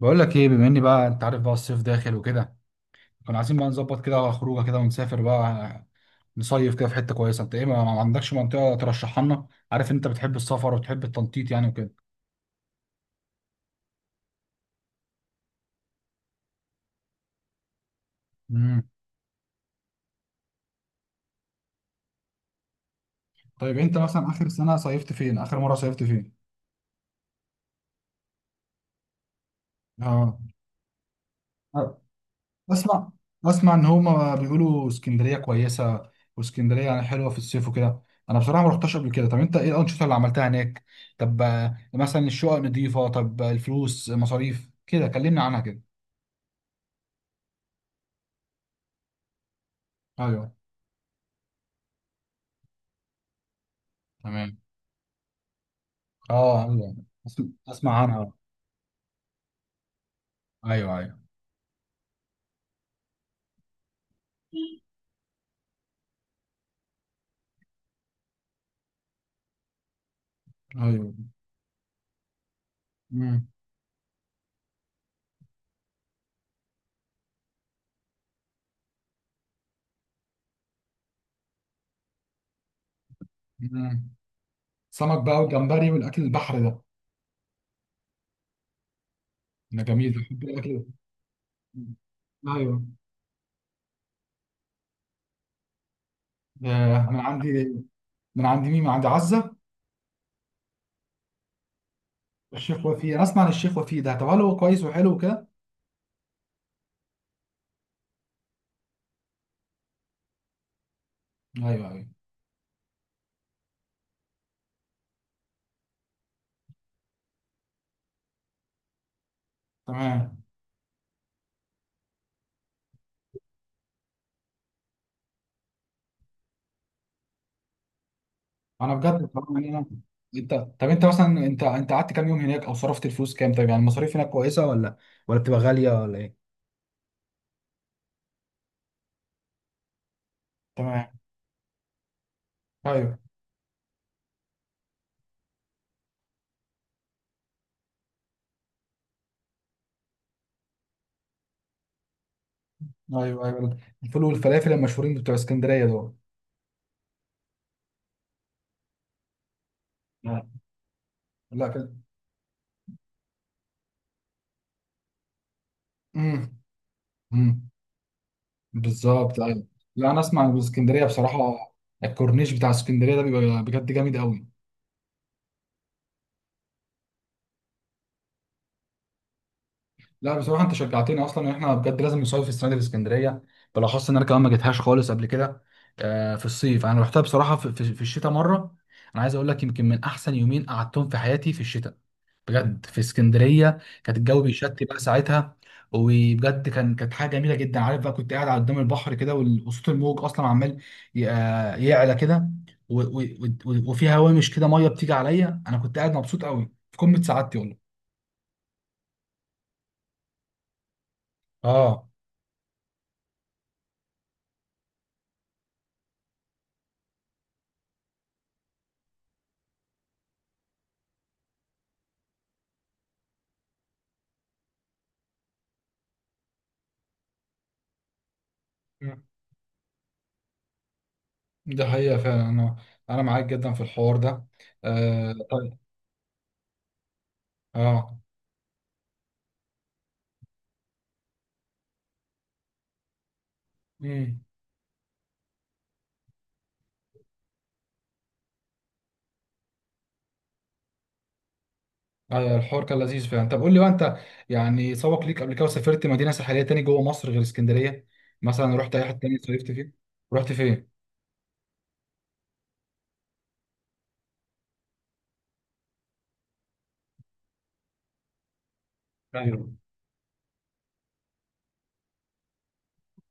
بقول لك ايه، بما اني بقى، انت عارف بقى الصيف داخل وكده. كنا عايزين بقى نظبط كده خروجه كده ونسافر بقى. نصيف كده في حته كويسه. انت ايه، ما عندكش منطقه ترشحها لنا؟ عارف انت بتحب السفر وبتحب التنطيط يعني وكده. امم. طيب، انت مثلا اخر سنه صيفت فين؟ اخر مره صيفت فين؟ اه. اسمع اسمع ان هما بيقولوا اسكندريه كويسه. واسكندريه يعني حلوه في الصيف وكده. انا بصراحه ما رحتش قبل كده. طب انت ايه الانشطه اللي عملتها هناك؟ طب مثلا الشقق نظيفه؟ طب الفلوس مصاريف كده كلمني عنها كده. ايوه. تمام. اه، ايوه. اسمع عنها. ايوه، ايوه. ايوه. مم. مم. سمك بقى والجمبري والاكل البحر ده. ده جميل، ده بحب الاكل ده. مم. ايوه. ده. من عندي. من عندي مين؟ من عندي عزه. الشيخ وفيه، انا اسمع عن الشيخ وفيه ده. طب هل هو كويس وحلو وكده؟ ايوه، ايوه. تمام. انا بجد طبعا يعني انا. طب انت مثلا انت قعدت كام يوم هناك، او صرفت الفلوس كام؟ طيب يعني المصاريف هناك كويسه ولا، ولا بتبقى غاليه، ولا ايه؟ تمام. ايوه. ايوه، ايوه. الفول والفلافل المشهورين بتوع اسكندريه دول. لا. لا كده. امم. امم. بالظبط، ايوه. لا، انا اسمع عن اسكندريه بصراحه. الكورنيش بتاع اسكندريه ده بيبقى بجد جامد قوي. لا بصراحه انت شجعتني، اصلا ان احنا بجد لازم نصيف في السنه دي في اسكندريه. بالاخص ان انا كمان ما جيتهاش خالص قبل كده. في الصيف انا رحتها بصراحه في الشتاء مره. انا عايز اقول لك، يمكن من احسن يومين قعدتهم في حياتي في الشتاء. بجد في اسكندريه كانت الجو بيشتي بقى ساعتها. وبجد كانت حاجه جميله جدا. عارف بقى كنت قاعد على قدام البحر كده، وصوت الموج اصلا عمال يعلى كده. و- و- وفي هوامش كده ميه بتيجي عليا. انا كنت قاعد مبسوط قوي في قمه سعادتي والله. اه. مم. ده حقيقة فعلا انا. انا معاك جدا في الحوار ده. طيب. اه. مم. ايوه، الحوار كان لذيذ فعلا. طب قول لي بقى انت، يعني سبق ليك قبل كده وسافرت مدينه ساحليه تاني جوه مصر غير اسكندريه؟ مثلا رحت اي حته تاني صيفت فيه؟ رحت فين؟ ايوه.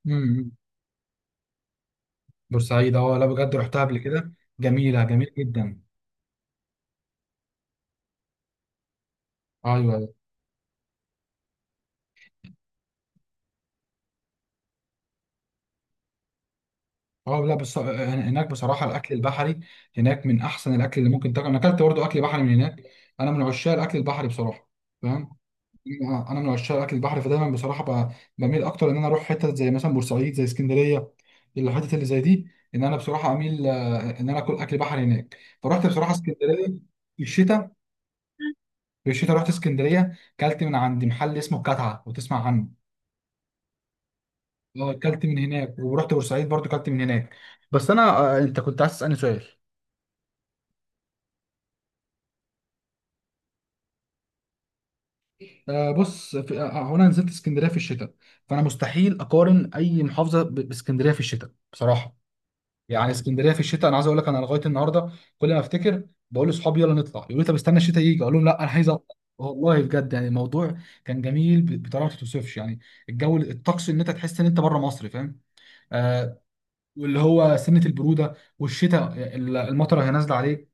امم. بورسعيد، اه، لا بجد رحتها قبل كده. جميله جميله جدا. ايوه، ايوه. اه، لا بس هناك بصراحه الاكل البحري هناك من احسن الاكل اللي ممكن تاكل. انا اكلت برضه اكل بحري من هناك. انا من عشاق الاكل البحري بصراحه. فاهم؟ انا من عشاق اكل البحر فدايما بصراحه بميل اكتر ان انا اروح حتت زي مثلا بورسعيد، زي اسكندريه، الحتت اللي زي دي. ان انا بصراحه اميل ان انا اكل اكل بحر هناك. فرحت بصراحه اسكندريه في الشتاء. في الشتاء رحت اسكندريه، كلت من عند محل اسمه الكتعه، وتسمع عنه. اه، كلت من هناك ورحت بورسعيد برضو كلت من هناك. بس انا، انت كنت عايز تسالني سؤال؟ بص في... آه، آه، هو انا نزلت اسكندريه في الشتاء. فانا مستحيل اقارن اي محافظه باسكندريه في الشتاء بصراحه. يعني اسكندريه في الشتاء، انا عايز اقول لك، انا لغايه النهارده كل ما افتكر بقول لاصحابي يلا نطلع، يقولوا لي طب استنى الشتاء يجي، اقول لهم لا انا عايز اطلع والله. بجد يعني الموضوع كان جميل بطريقه ما تتوصفش يعني. الجو، الطقس، ان انت تحس ان انت بره مصر، فاهم؟ آه. واللي هو سنه البروده والشتاء المطره هي نازله عليك.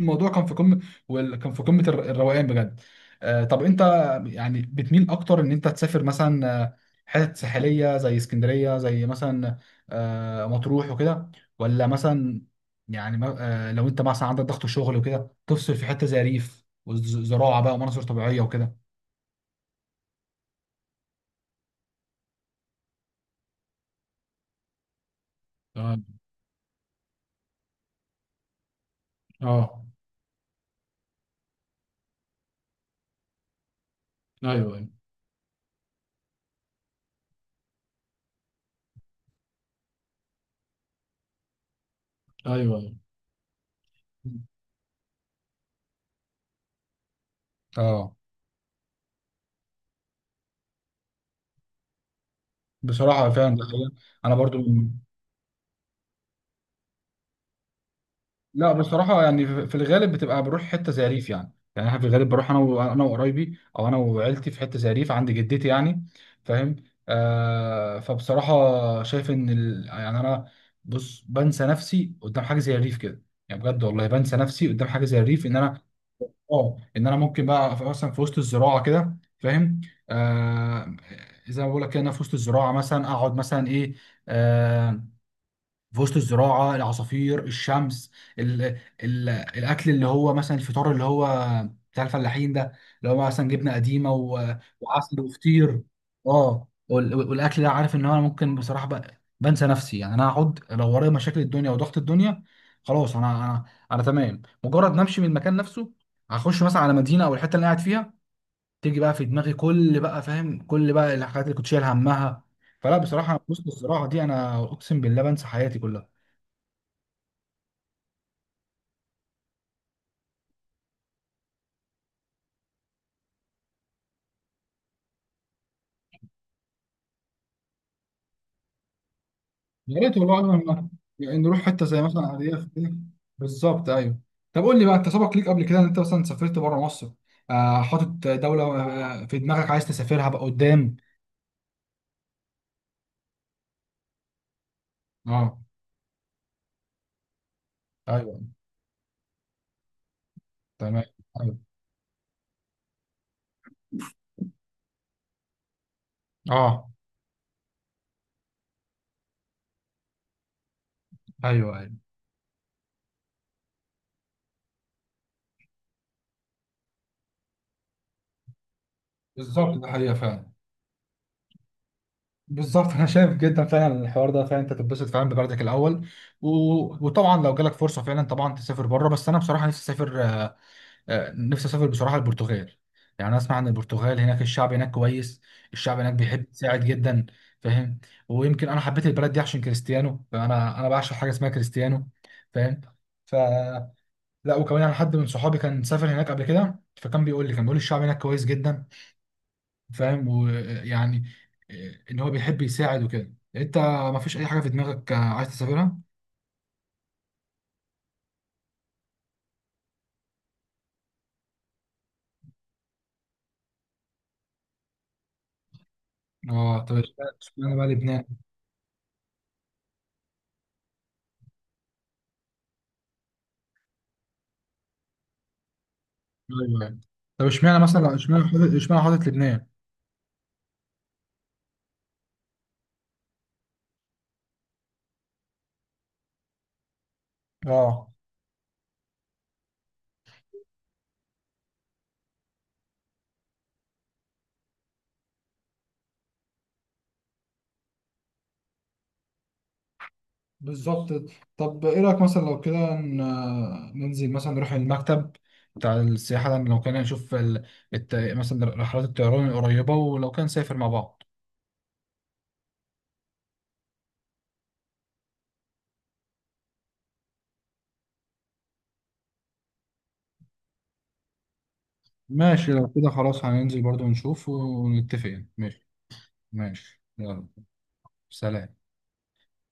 الموضوع كان في قمه. كان في قمه الروقان بجد. طب انت، يعني بتميل اكتر ان انت تسافر مثلا حتت ساحليه زي اسكندريه، زي مثلا مطروح وكده؟ ولا مثلا، يعني لو انت مثلا عندك ضغط شغل وكده تفصل في حته زي ريف وزراعه بقى ومناظر طبيعيه وكده؟ اه. اه. ايوه، ايوه. ايوه، ايوه. اه. بصراحه فعلا ده حقيقة. انا برضو. لا بصراحة، يعني في الغالب بتبقى بروح حتة زي ريف، يعني أنا في الغالب بروح أنا وقرايبي أو أنا وعيلتي في حتة زي ريف عند جدتي يعني. فاهم؟ فبصراحة شايف إن يعني أنا، بص، بنسى نفسي قدام حاجة زي الريف كده. يعني بجد والله بنسى نفسي قدام حاجة زي الريف إن أنا، إن أنا ممكن بقى مثلا في وسط الزراعة كده، فاهم؟ آه. زي ما بقول لك كده، إن أنا في وسط الزراعة مثلا أقعد مثلا إيه، آه، في وسط الزراعه، العصافير، الشمس، ال الاكل اللي هو مثلا الفطار اللي هو بتاع الفلاحين ده، اللي هو مثلا جبنه قديمه وعسل وفطير. اه، والاكل ده، عارف ان هو انا ممكن بصراحه بقى بنسى نفسي، يعني انا هقعد لو ورايا مشاكل الدنيا وضغط الدنيا. خلاص، انا انا تمام. مجرد ما امشي من المكان نفسه، هخش مثلا على مدينه او الحته اللي أنا قاعد فيها، تيجي بقى في دماغي كل بقى، فاهم، كل بقى الحاجات اللي كنت شايل همها. فلا بصراحه، وسط الزراعه دي انا اقسم بالله بنسى حياتي كلها. يا ريت والله. لما يعني نروح حته زي مثلا ارياف كده. بالظبط، ايوه. طب قول لي بقى انت، سبق ليك قبل كده ان انت مثلا سافرت بره مصر؟ حاطط دوله في دماغك عايز تسافرها بقى قدام؟ اه. ايوه. تمام. ايوه. اه. ايوه، ايوه. بالظبط، ده حقيقه فعلا. بالظبط. انا شايف جدا فعلا الحوار ده، فعلا انت تتبسط فعلا ببلدك الاول و... وطبعا لو جالك فرصه فعلا طبعا تسافر بره. بس انا بصراحه نفسي اسافر، نفسي اسافر بصراحه البرتغال. يعني أنا اسمع عن البرتغال، هناك الشعب هناك كويس، الشعب هناك بيحب يساعد جدا. فاهم؟ ويمكن انا حبيت البلد دي عشان كريستيانو، فانا بعشق حاجه اسمها كريستيانو. فاهم؟ ف لا، وكمان يعني حد من صحابي كان سافر هناك قبل كده، فكان بيقول لي الشعب هناك كويس جدا. فاهم؟ ويعني ان هو بيحب يساعد وكده. انت ما فيش اي حاجه في دماغك عايز تسافرها؟ اه، طب اشمعنى بقى لبنان؟ ايوه، أيوة. طب اشمعنى مثلا، اشمعنى حاطط لبنان؟ اه. بالظبط. طب ايه رأيك مثلا لو كده ننزل مثلا نروح المكتب بتاع السياحة ده، لو كان نشوف مثلا رحلات الطيران القريبة، ولو كان نسافر مع بعض؟ ماشي لو كده خلاص هننزل برضو نشوف ونتفق يعني. ماشي. ماشي، يلا. سلام.